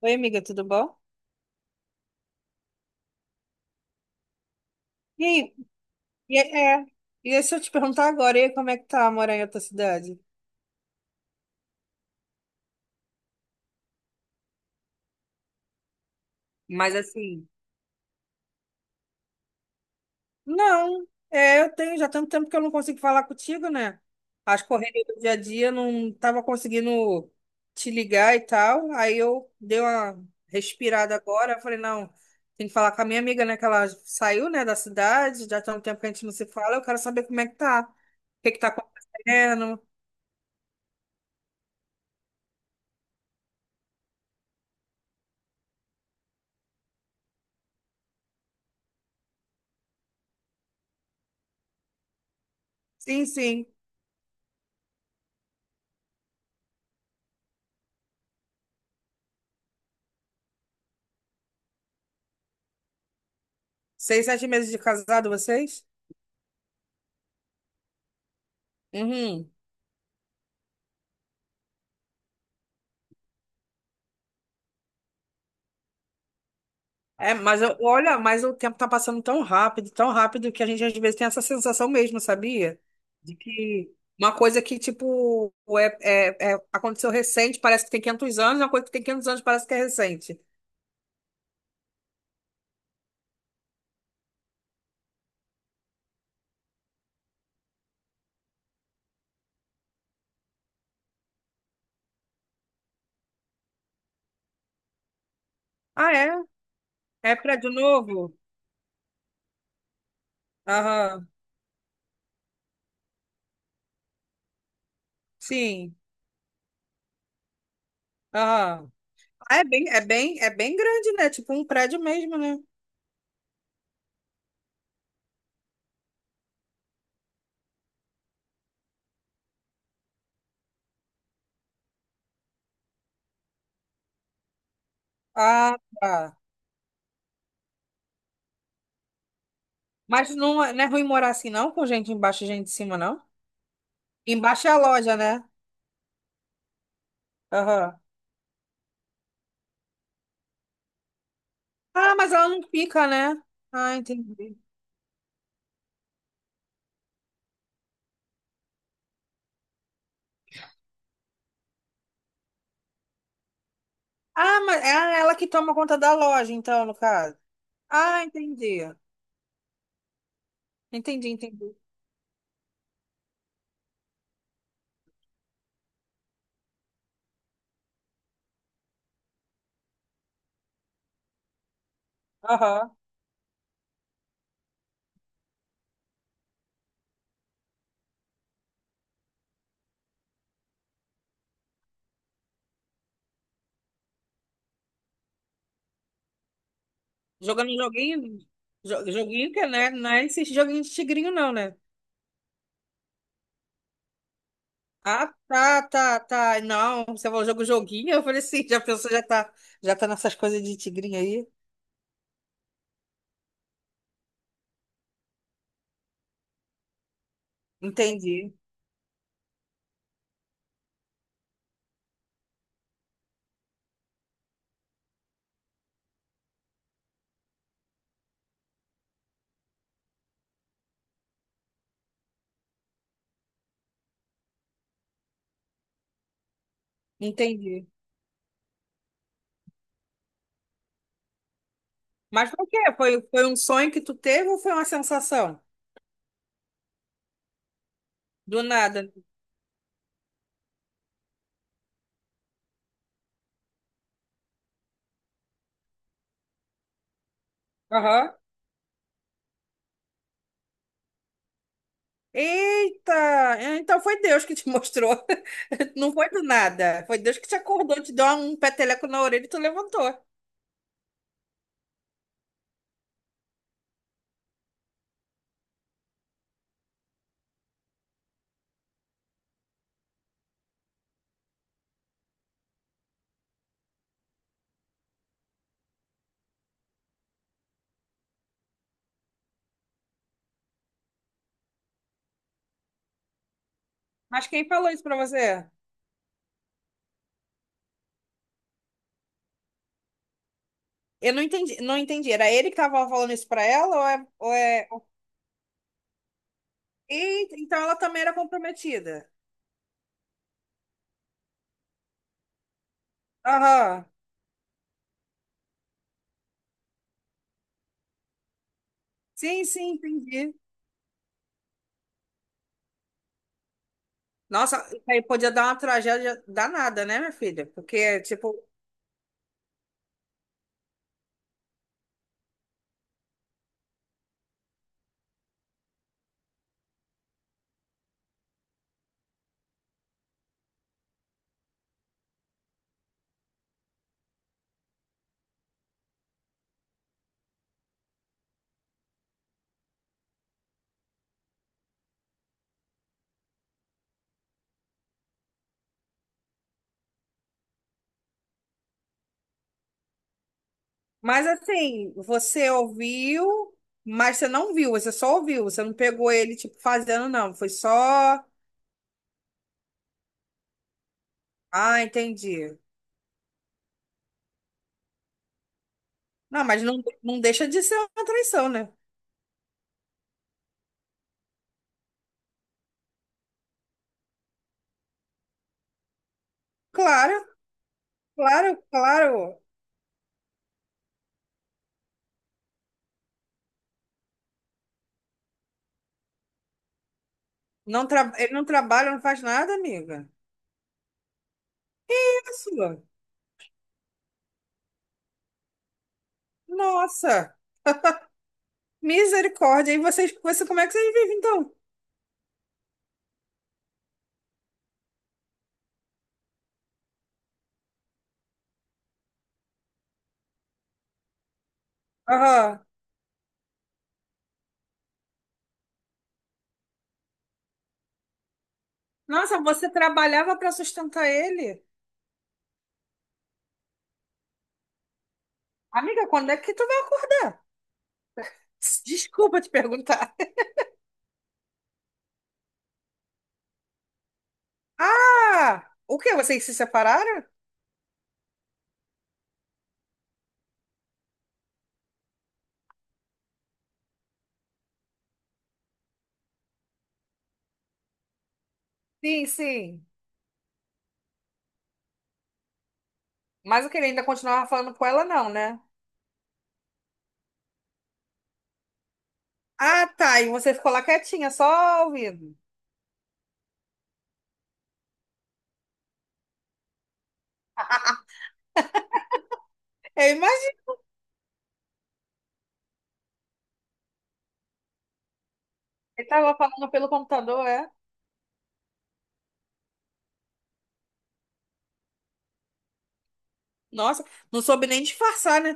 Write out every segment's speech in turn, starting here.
Oi, amiga, tudo bom? E aí, e, é, e aí, se eu te perguntar agora, e aí, como é que tá morar em outra cidade? Mas assim, Não, é, eu tenho já tanto tempo que eu não consigo falar contigo, né? As correrias do dia a dia não tava conseguindo te ligar e tal. Aí eu dei uma respirada agora, falei, não, tem que falar com a minha amiga, né? Que ela saiu, né, da cidade, já tem um tempo que a gente não se fala, eu quero saber como é que tá. O que que tá acontecendo? Sim, sim. Seis, sete meses de casado, vocês? Uhum. É, mas eu, olha, mas o tempo tá passando tão rápido, que a gente às vezes tem essa sensação mesmo, sabia? De que uma coisa que, tipo, aconteceu recente, parece que tem 500 anos, uma coisa que tem 500 anos parece que é recente. Ah, é? É prédio novo? Aham, sim, aham. Ah, é bem grande, né? Tipo um prédio mesmo, né? Ah, tá. Mas não, não é ruim morar assim, não, com gente embaixo e gente em cima, não? Embaixo é a loja, né? Aham. Ah, mas ela não fica, né? Ah, entendi. Ah, mas é ela que toma conta da loja, então, no caso. Ah, entendi. Entendi, entendi. Aham. Jogando joguinho, joguinho que, né? Não é esse joguinho de tigrinho, não, né? Ah, tá, tá, tá. Não, você falou jogo joguinho, eu falei assim, já pensou, já tá nessas coisas de tigrinho aí? Entendi, entendi. Mas por quê? Foi um sonho que tu teve ou foi uma sensação? Do nada. Aham. Eita! Então foi Deus que te mostrou. Não foi do nada. Foi Deus que te acordou, te deu um peteleco na orelha e tu levantou. Mas quem falou isso pra você? Eu não entendi, não entendi. Era ele que tava falando isso pra ela ou é... Eita, então ela também era comprometida. Aham. Sim, sim, entendi. Nossa, isso aí podia dar uma tragédia danada, né, minha filha? Porque, tipo, Mas assim, você ouviu, mas você não viu, você só ouviu, você não pegou ele, tipo, fazendo, não. Foi só. Ah, entendi. Não, mas não deixa de ser uma traição, né? Claro, claro, claro. Ele não trabalha, não faz nada, amiga. Isso. Nossa, misericórdia. E vocês, você, como é que vocês vivem, então? Aham. Nossa, você trabalhava para sustentar ele? Amiga, quando é que tu vai acordar? Desculpa te perguntar. Ah! O quê? Vocês se separaram? Sim, sim. Mas o que ele ainda continuava falando com ela, não, né? Ah, tá. E você ficou lá quietinha, só ouvindo. Eu imagino. Ele tava falando pelo computador, é? Nossa, não soube nem disfarçar, né?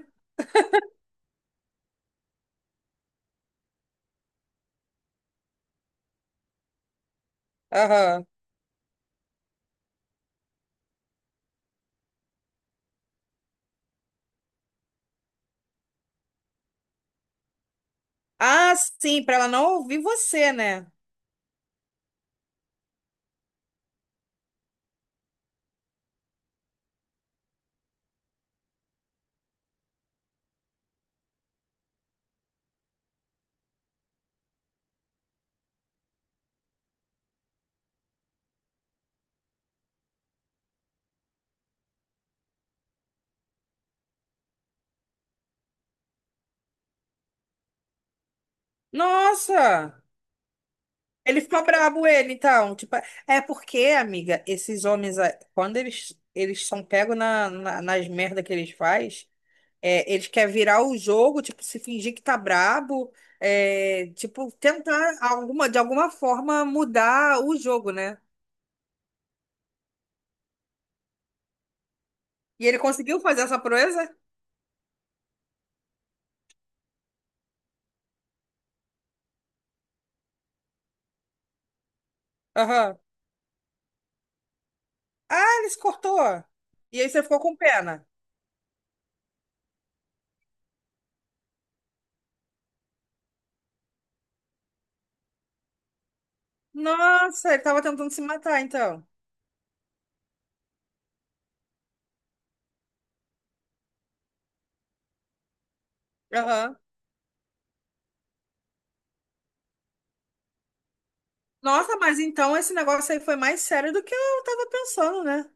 Aham. Ah, sim, pra ela não ouvir você, né? Nossa! Ele ficou brabo, ele, então. Tipo, é porque, amiga, esses homens, ah, quando eles são pegos nas merdas que eles fazem, é, ele quer virar o jogo, tipo, se fingir que tá brabo, é, tipo, tentar alguma, de alguma forma mudar o jogo, né? E ele conseguiu fazer essa proeza? Aham. Ah, ele se cortou. E aí você ficou com pena. Nossa, ele tava tentando se matar, então. Aham. Nossa, mas então esse negócio aí foi mais sério do que eu tava pensando, né?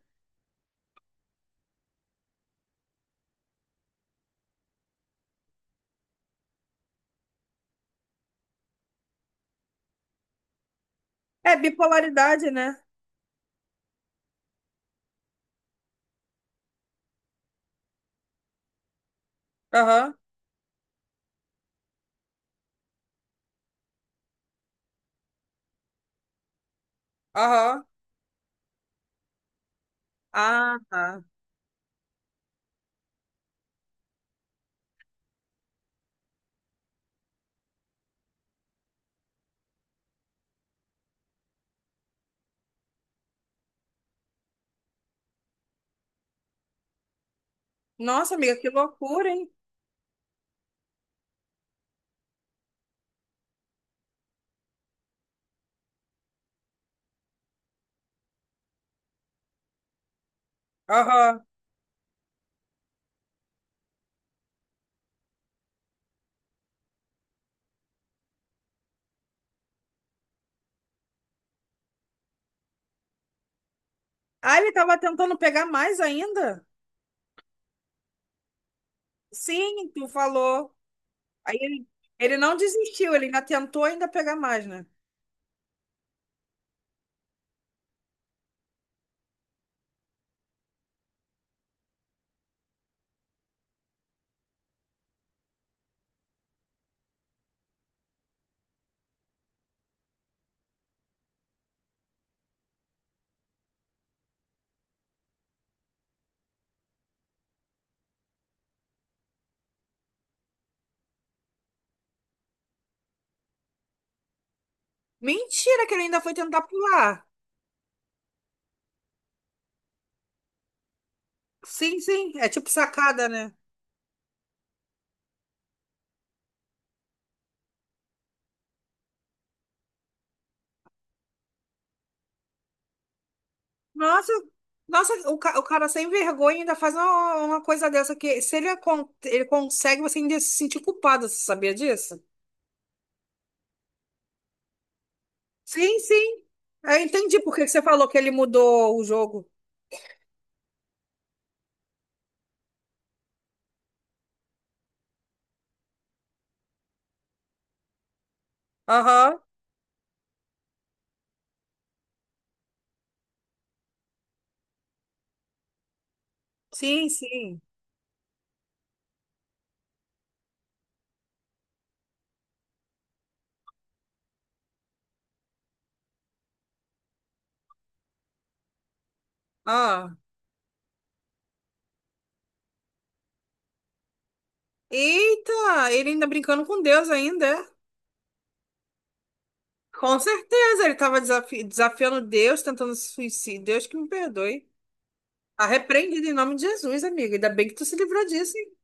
É bipolaridade, né? Aham, aham. Ah, tá. Nossa, amiga, que loucura, hein? Aham. Ah, ele estava tentando pegar mais ainda? Sim, tu falou. Aí ele não desistiu, ele ainda tentou ainda pegar mais, né? Mentira que ele ainda foi tentar pular. Sim, sim, é tipo sacada, né? Nossa, nossa, o cara sem vergonha ainda faz uma, coisa dessa que se ele consegue, você ainda se sentir culpado, você sabia disso? Sim, sim. Eu entendi por que que você falou que ele mudou o jogo. Aham. Sim, sim. Ah. Eita, ele ainda brincando com Deus ainda, é? Com certeza, ele estava desafiando Deus, tentando se suicídio. Deus que me perdoe. Arrependido em nome de Jesus, amiga. Ainda bem que tu se livrou disso, hein?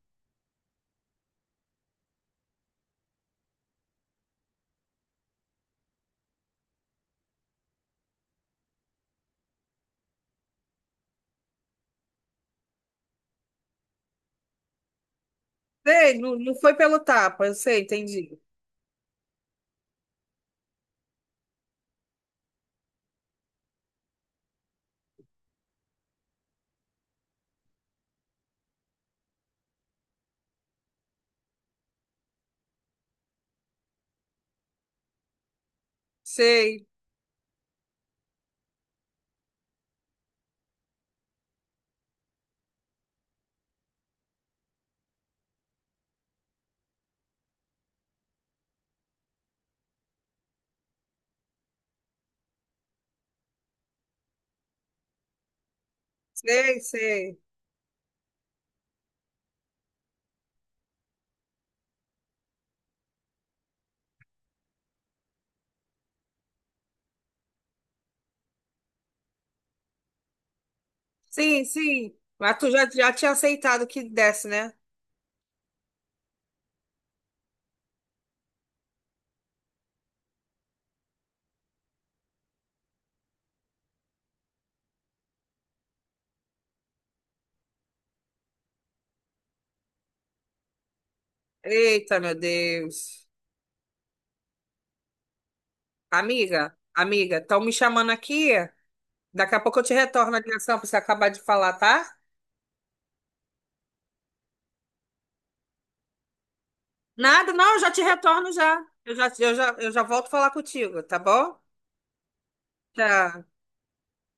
Sei, não foi pelo tapa, eu sei, entendi. Sei, sei, sei. Sim, sim. Mas tu já tinha aceitado que desse, né? Eita, meu Deus. Amiga, amiga, estão me chamando aqui. Daqui a pouco eu te retorno a ligação para você acabar de falar, tá? Nada, não, eu já te retorno já. Eu já volto falar contigo, tá bom? Tchau.